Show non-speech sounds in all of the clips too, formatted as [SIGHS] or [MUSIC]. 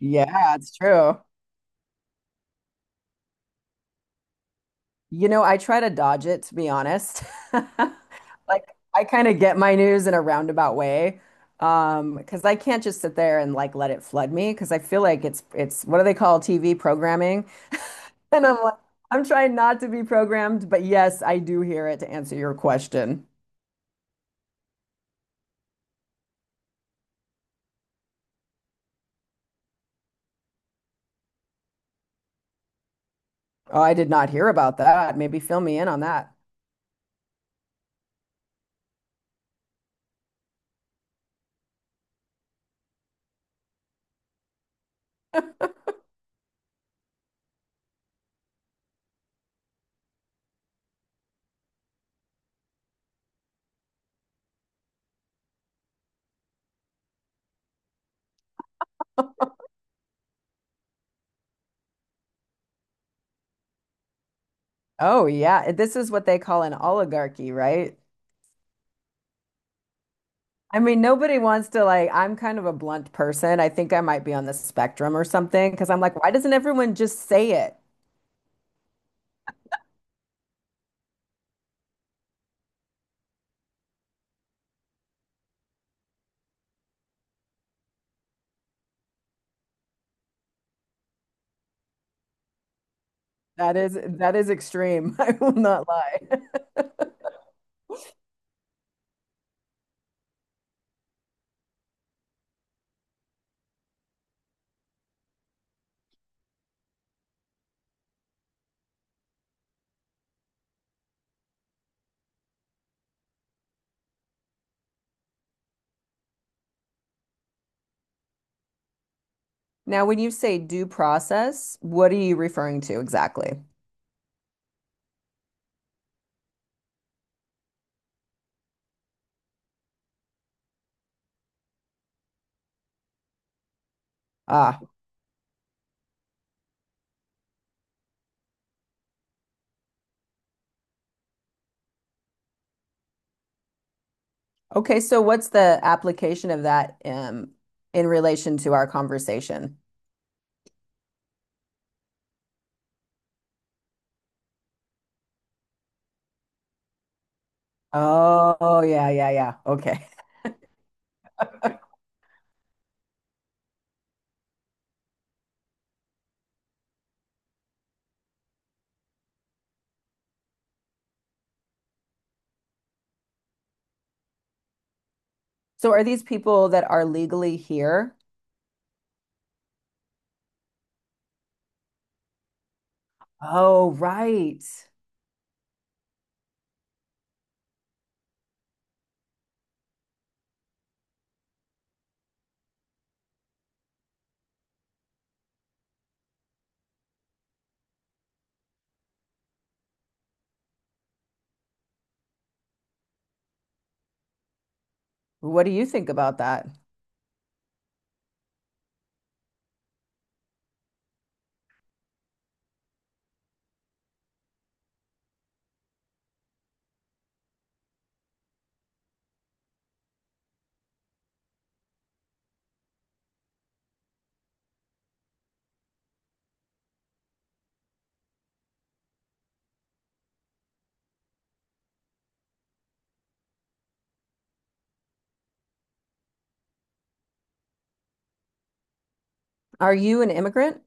Yeah, it's true. You know, I try to dodge it, to be honest. [LAUGHS] Like, I kind of get my news in a roundabout way. Because I can't just sit there and like let it flood me because I feel like it's what do they call TV programming? [LAUGHS] And I'm like, I'm trying not to be programmed, but yes, I do hear it to answer your question. Oh, I did not hear about that. Maybe fill me in on that. Oh, yeah. This is what they call an oligarchy, right? I mean, nobody wants to like, I'm kind of a blunt person. I think I might be on the spectrum or something because I'm like, why doesn't everyone just say it? That is extreme. [LAUGHS] I will not lie. [LAUGHS] Now, when you say due process, what are you referring to exactly? Ah, okay. So what's the application of that in relation to our conversation? Oh, yeah, yeah, yeah. Okay. So are these people that are legally here? Oh, right. What do you think about that? Are you an immigrant?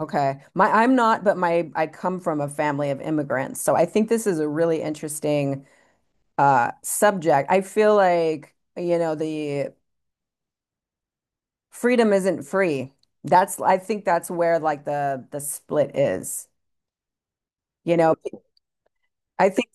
Okay. My I'm not, but my I come from a family of immigrants. So I think this is a really interesting subject. I feel like, you know, the freedom isn't free. That's I think that's where like the split is. You know, I think.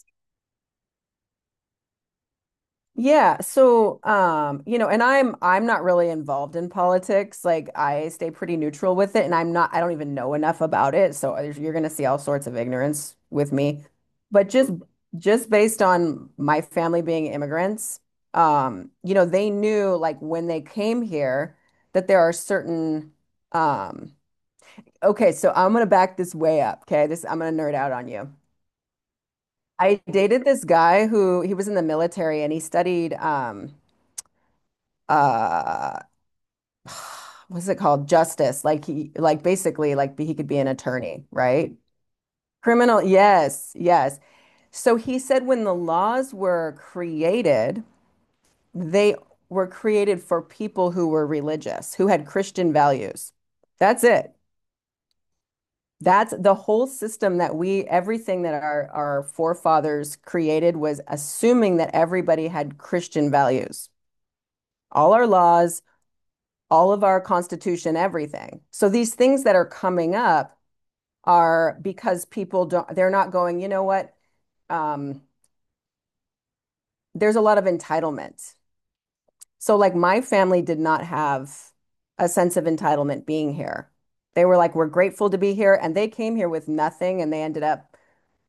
Yeah, so you know, and I'm not really involved in politics. Like I stay pretty neutral with it and I'm not I don't even know enough about it. So there's- you're going to see all sorts of ignorance with me. But just based on my family being immigrants, you know, they knew like when they came here that there are certain um okay, so I'm going to back this way up, okay? This I'm going to nerd out on you. I dated this guy who he was in the military and he studied uh [SIGHS] what's it called? Justice. Like he like basically like he could be an attorney, right? Criminal, yes, yes. So he said when the laws were created, they were created for people who were religious, who had Christian values. That's it. That's the whole system that we, everything that our forefathers created was assuming that everybody had Christian values. All our laws, all of our constitution, everything. So these things that are coming up are because people don't, they're not going, you know what? Um, there's a lot of entitlement. So, like, my family did not have a sense of entitlement being here. They were like, we're grateful to be here. And they came here with nothing and they ended up,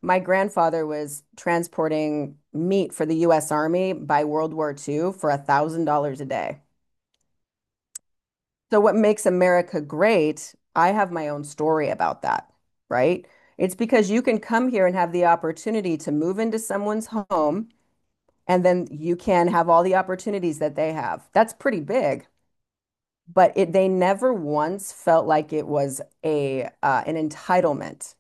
my grandfather was transporting meat for the US Army by World War II for a $1,000 a day. So what makes America great, I have my own story about that, right? It's because you can come here and have the opportunity to move into someone's home and then you can have all the opportunities that they have. That's pretty big, but it they never once felt like it was a an entitlement.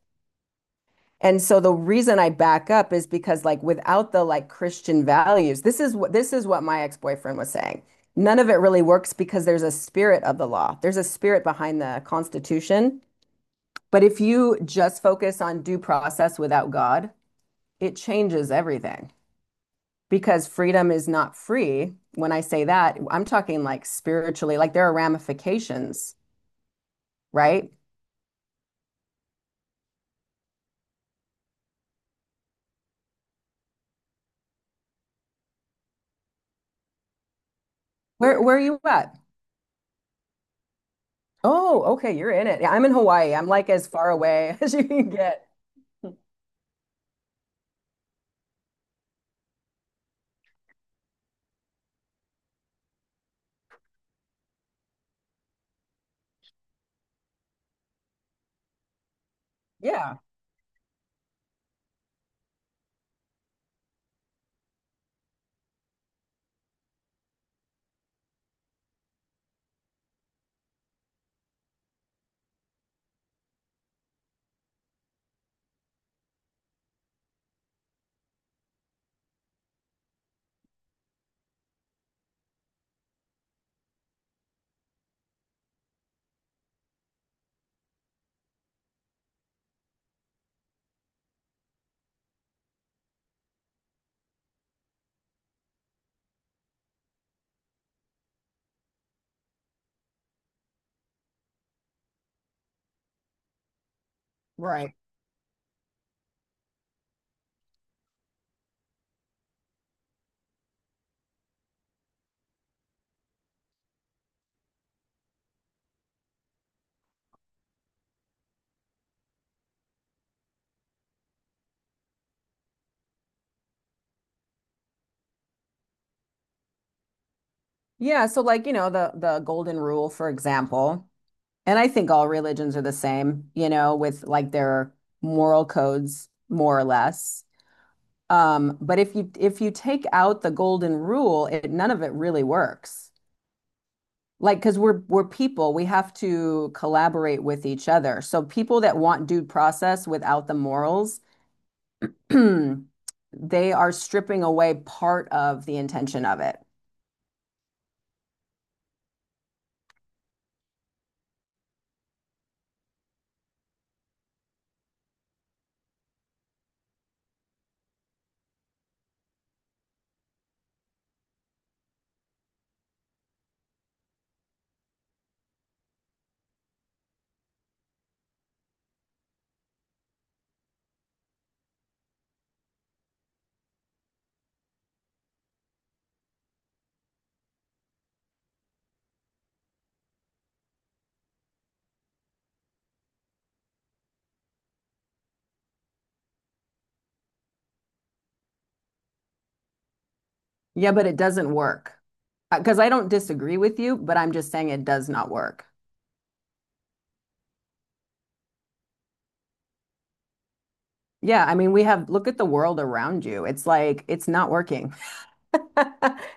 And so the reason I back up is because like without the like Christian values, this is what my ex-boyfriend was saying. None of it really works because there's a spirit of the law. There's a spirit behind the Constitution. But if you just focus on due process without God, it changes everything because freedom is not free. When I say that, I'm talking like spiritually, like there are ramifications, right? Where are you at? Oh, okay, you're in it. Yeah, I'm in Hawaii. I'm like as far away [LAUGHS] as you can get. Yeah. Right. Yeah, so like, you know, the golden rule, for example, and I think all religions are the same, you know, with like their moral codes, more or less. But if you take out the golden rule, it none of it really works. Like, because we're people, we have to collaborate with each other. So people that want due process without the morals, [CLEARS THROAT] they are stripping away part of the intention of it. Yeah, but it doesn't work. Because I don't disagree with you, but I'm just saying it does not work. Yeah, I mean, we have, look at the world around you. It's like, it's not working. [LAUGHS]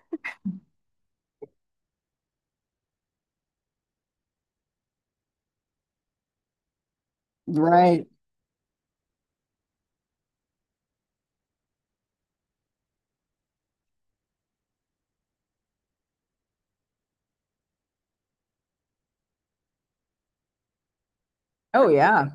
Right. Oh, yeah.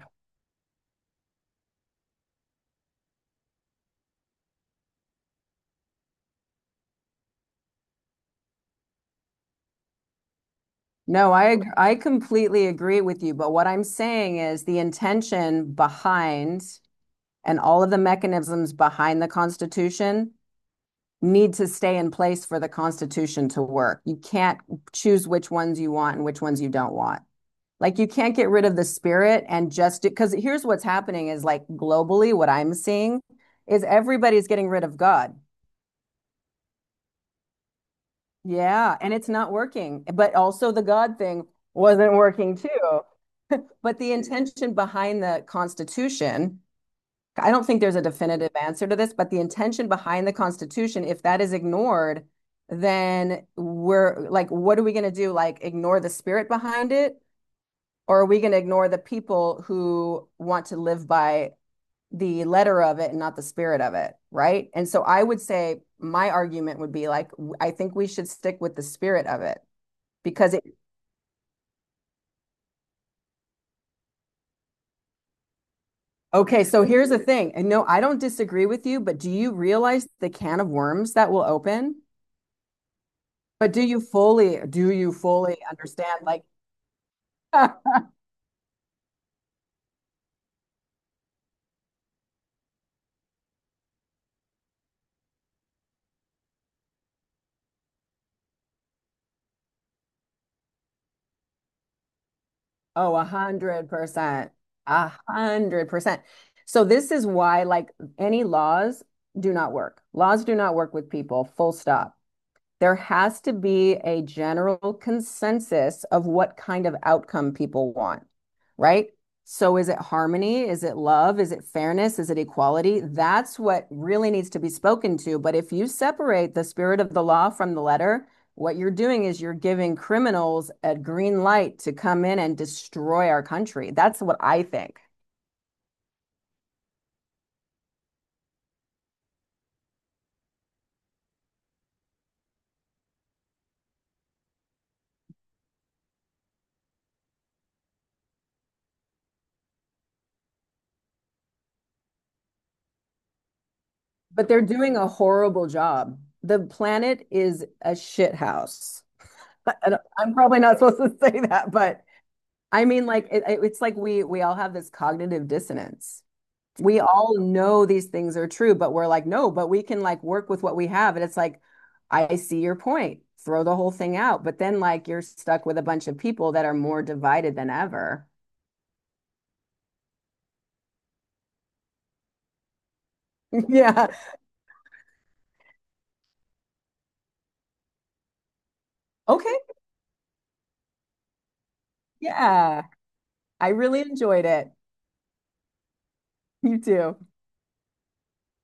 No, I ag- I completely agree with you, but what I'm saying is the intention behind and all of the mechanisms behind the Constitution need to stay in place for the Constitution to work. You can't choose which ones you want and which ones you don't want. Like you can't get rid of the spirit and just because here's what's happening is like globally, what I'm seeing is everybody's getting rid of God. Yeah, and it's not working. But also the God thing wasn't working too. But the intention behind the Constitution, I don't think there's a definitive answer to this, but the intention behind the Constitution, if that is ignored, then we're like, what are we going to do? Like, ignore the spirit behind it? Or are we going to ignore the people who want to live by the letter of it and not the spirit of it, right? And so I would say my argument would be like I think we should stick with the spirit of it because it okay, so here's the thing. And no, I don't disagree with you, but do you realize the can of worms that will open? But do you fully understand like [LAUGHS] oh, 100%. 100%. So this is why like any laws do not work. Laws do not work with people, full stop there has to be a general consensus of what kind of outcome people want, right? So is it harmony? Is it love? Is it fairness? Is it equality? That's what really needs to be spoken to. But if you separate the spirit of the law from the letter, what you're doing is you're giving criminals a green light to come in and destroy our country. That's what I think. But they're doing a horrible job. The planet is a shit house. I'm probably not supposed to [LAUGHS] say that, but I mean, like it- it's like we all have this cognitive dissonance. We all know these things are true, but we're like, no, but we can like work with what we have. And it's like, I see your point. Throw the whole thing out. But then like you're stuck with a bunch of people that are more divided than ever. [LAUGHS] Yeah. Okay. Yeah. I really enjoyed it. You too.